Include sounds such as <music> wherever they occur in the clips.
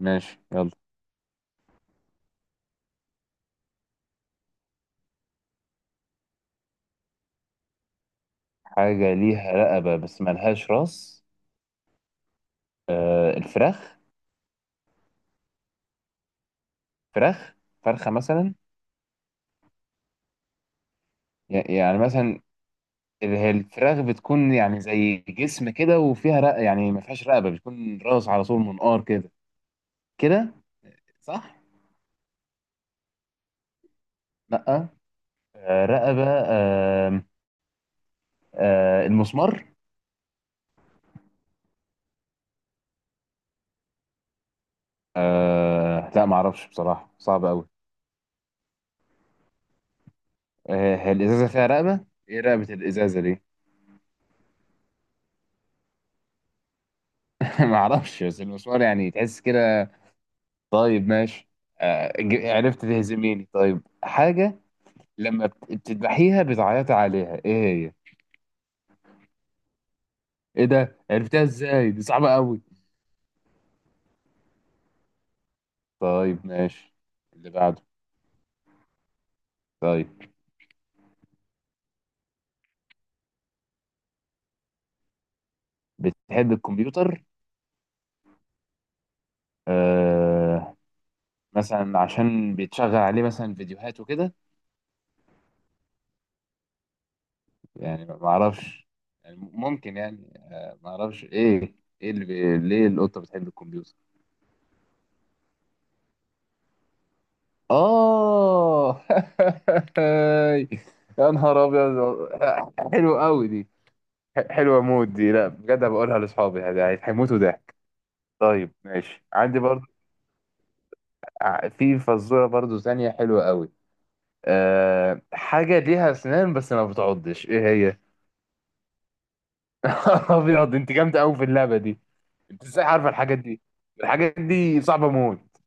ماشي، يلا. حاجة ليها رقبة بس ملهاش راس. آه، الفراخ. فراخ، فرخة مثلا. يعني مثلا. هي الفراخ بتكون يعني زي جسم كده، وفيها رق، يعني ما فيهاش رقبة، بتكون راس على طول، منقار كده كده. صح؟ لأ. آه، رقبة، آه، المسمار. لا، معرفش بصراحة، صعب أوي. هي الإزازة فيها رقبة؟ إيه رقبة الإزازة دي؟ <laughs> معرفش، بس المسمار يعني تحس كده. طيب ماشي. عرفت تهزميني. طيب، حاجة، لما بتذبحيها بتعيطي عليها، ايه هي؟ ايه ده؟ عرفتها ازاي؟ دي صعبة قوي. طيب ماشي، اللي بعده. طيب. بتحب الكمبيوتر. آه. مثلا عشان بيتشغل عليه مثلا فيديوهات وكده. يعني ما اعرفش. يعني ممكن، يعني ما اعرفش ايه. ايه اللي ليه القطة بتحب الكمبيوتر؟ آه. <laughs> يا نهار أبيض، حلوة أوي دي. حلوة مود دي، لا بجد هبقولها لأصحابي، هيموتوا ضحك. طيب ماشي، عندي برضه في فزورة برضه ثانية حلوة أوي. حاجة ليها أسنان بس ما بتعضش، إيه هي؟ <laughs> أبيض، أنت جامدة أوي في اللعبة دي. أنت إزاي عارفة الحاجات دي؟ الحاجات دي صعبة موت.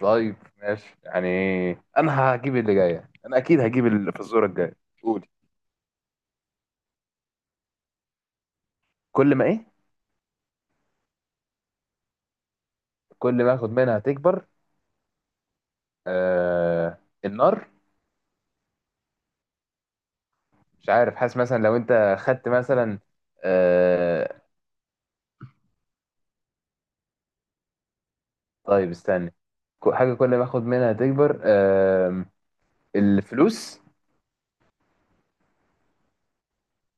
طيب ماشي يعني. أنا هجيب اللي جاية، أنا أكيد هجيب الفزورة الجاية. قولي. كل ما إيه؟ كل ما اخد منها تكبر. آه، النار. مش عارف، حاسس مثلا لو انت خدت مثلا. آه. طيب استنى. حاجه كل ما اخد منها تكبر. آه، الفلوس.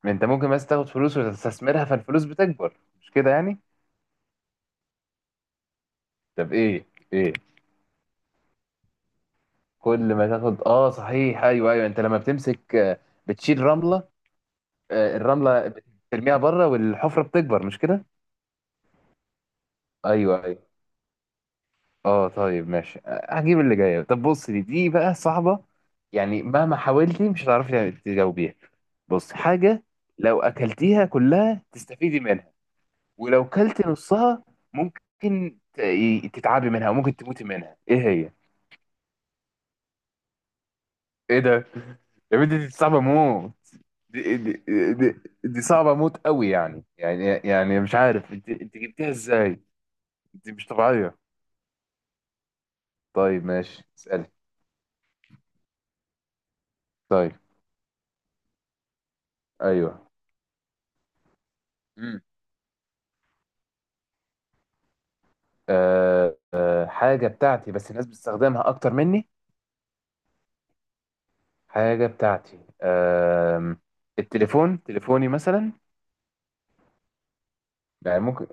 انت ممكن مثلا تاخد فلوس وتستثمرها، فالفلوس بتكبر، مش كده يعني. طب ايه. ايه. كل ما تاخد، اه صحيح، ايوه ايوه، انت لما بتمسك، بتشيل رمله. آه، الرمله بترميها بره والحفره بتكبر، مش كده. ايوه ايوه. اه طيب ماشي، هجيب اللي جايه. طب بص، دي بقى صعبه، يعني مهما حاولتي مش هتعرفي تجاوبيها. بص، حاجه لو اكلتيها كلها تستفيدي منها، ولو كلت نصها ممكن تتعبي منها وممكن تموتي منها، ايه هي؟ ايه ده؟ يا بنتي دي صعبه موت. دي, دي, دي, دي صعبه موت قوي. يعني مش عارف، انت جبتيها ازاي، انت مش طبيعيه. طيب ماشي، اسالي. طيب. ايوه. حاجة بتاعتي بس الناس بتستخدمها أكتر مني. حاجة بتاعتي، التليفون، تليفوني مثلا. يعني ممكن.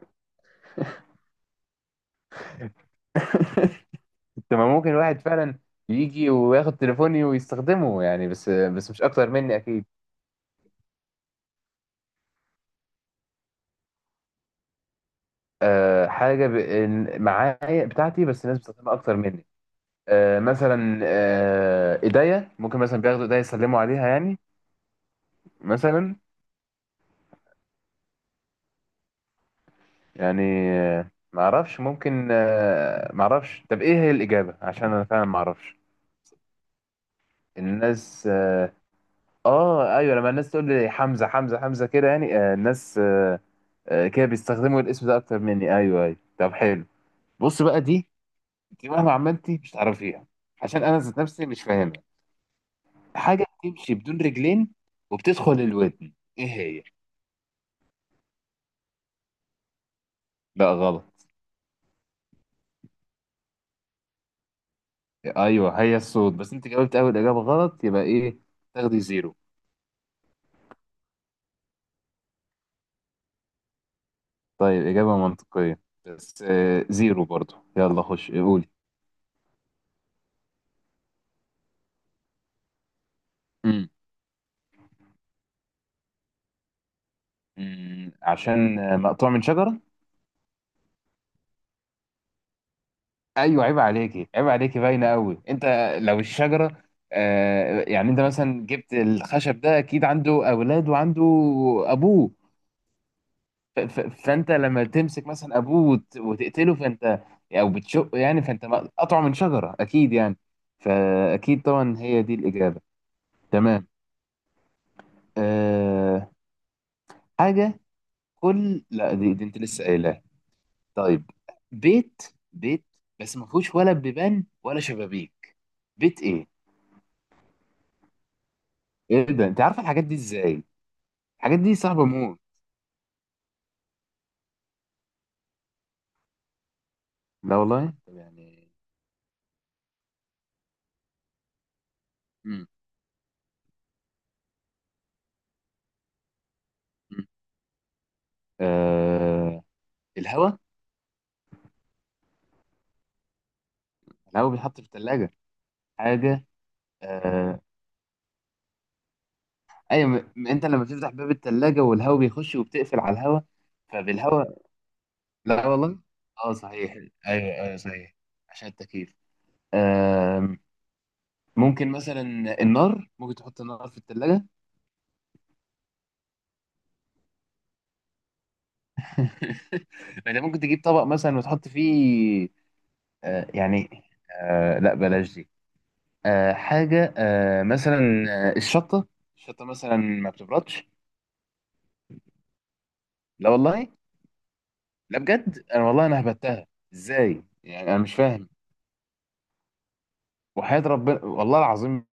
<laughs> تمام، ممكن واحد فعلا يجي وياخد تليفوني ويستخدمه، يعني بس مش أكتر مني أكيد. حاجة معايا بتاعتي بس الناس بتستخدمها أكتر مني. مثلا، إيديا ممكن مثلا بياخدوا إيديا يسلموا عليها يعني، مثلا. يعني معرفش ممكن، معرفش. طب ايه هي الإجابة، عشان انا فعلا معرفش. الناس. اه، ايوه، لما الناس تقول لي حمزة حمزة حمزة كده، يعني الناس، كده بيستخدموا الاسم ده اكتر مني. ايوه ايوه. طب حلو. بص بقى، دي دي مهما عملتي مش هتعرفيها عشان انا ذات نفسي مش فاهمها. حاجة بتمشي بدون رجلين وبتدخل الودن، ايه هي؟ لا، غلط. ايوه، هي الصوت، بس انت جاوبت اول إجابة غلط، يبقى ايه، تاخدي زيرو. طيب إجابة منطقية، بس زيرو برضو. يلا خش قولي. مم. عشان مقطوع من شجرة. أيوة، عيب عليكي عيب عليكي، باينة قوي أنت. لو الشجرة يعني، أنت مثلا جبت الخشب ده، أكيد عنده أولاد وعنده أبوه، ف- ف- فأنت لما تمسك مثلا أبوه وتقتله، فأنت أو بتشقه يعني، فأنت مقطوع من شجرة أكيد يعني، فأكيد طبعا هي دي الإجابة. تمام. أه حاجة كل، لا، دي انت لسه قايلها. طيب. بيت، بيت بس ما فيهوش ولا بيبان ولا شبابيك، بيت ايه؟ ايه ده؟ انت عارفه الحاجات دي ازاي؟ الحاجات دي صعبه موت. لا والله، طب يعني. مم. مم. آه... الهواء. الهواء بيتحط في الثلاجه. حاجه. آه... ايوه، انت لما بتفتح باب الثلاجه والهواء بيخش، وبتقفل على الهواء، فبالهواء. لا والله. اه، صحيح. ايوه ايوه، صحيح، عشان التكييف. آم، ممكن مثلا، النار ممكن تحط النار في التلاجة. <laughs> انت ممكن تجيب طبق مثلا وتحط فيه. يعني. لا، بلاش دي. حاجة، مثلا، آه، الشطة. الشطة مثلا ما بتبردش. لا والله. لا بجد انا والله، انا هبتها، ازاي يعني، انا مش فاهم. وحياة ربنا والله العظيم،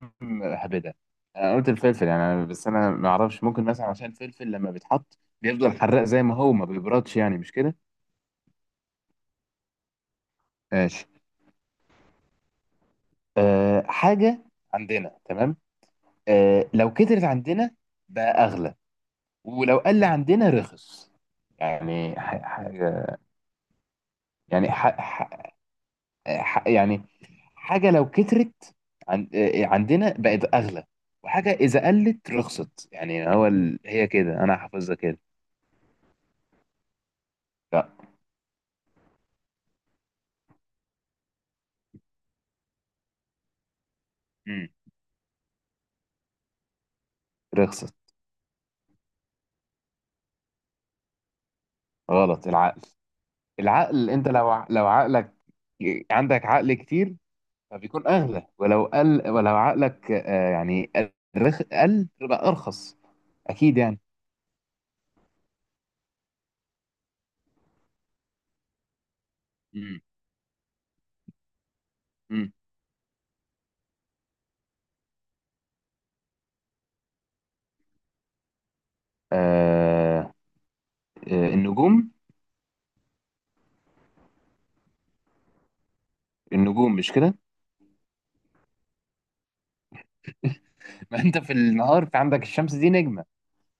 هبدها. انا قلت الفلفل يعني بس انا ما اعرفش، ممكن مثلا عشان الفلفل لما بيتحط بيفضل حراق زي ما هو، ما بيبردش يعني، مش كده. آه. حاجة عندنا، تمام، لو كترت عندنا بقى أغلى، ولو قل عندنا رخص، يعني حاجة. يعني يعني حاجة لو كترت عندنا بقت أغلى، وحاجة إذا قلت رخصت، يعني هو هي كده، أنا حافظها كده. لا. مم. رخصت. غلط، العقل. العقل، أنت لو عقلك عندك عقل كتير، فبيكون اغلى، ولو قل، ولو عقلك يعني قل، يبقى ارخص اكيد يعني. مم. مم. آه، النجوم. النجوم مش كده، <laughs> ما انت في النهار في عندك الشمس دي نجمة،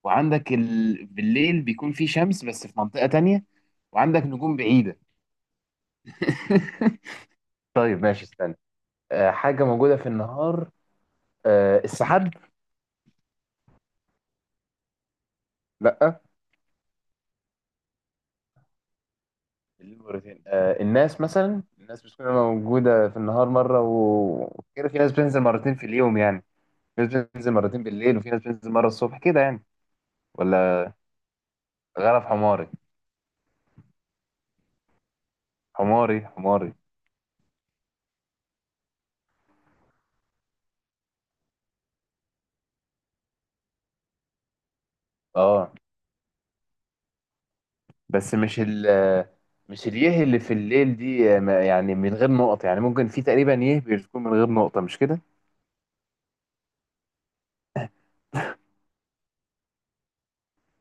وعندك بالليل بيكون في شمس بس في منطقة تانية، وعندك نجوم بعيدة. <laughs> طيب ماشي، استنى. حاجة موجودة في النهار. السحاب. لا. بالليل مرتين. الناس بتكون موجودة في النهار مرة، وكده في ناس بتنزل مرتين في اليوم يعني، في ناس بتنزل مرتين بالليل وفي ناس بتنزل مرة الصبح كده يعني. ولا. غرف حماري. حماري حماري. اه. بس مش اليه اللي في الليل دي، يعني من غير نقط يعني، ممكن في تقريبا يه بتكون من غير نقطة مش كده؟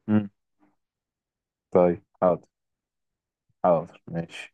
مم. طيب حاضر. حاضر ماشي.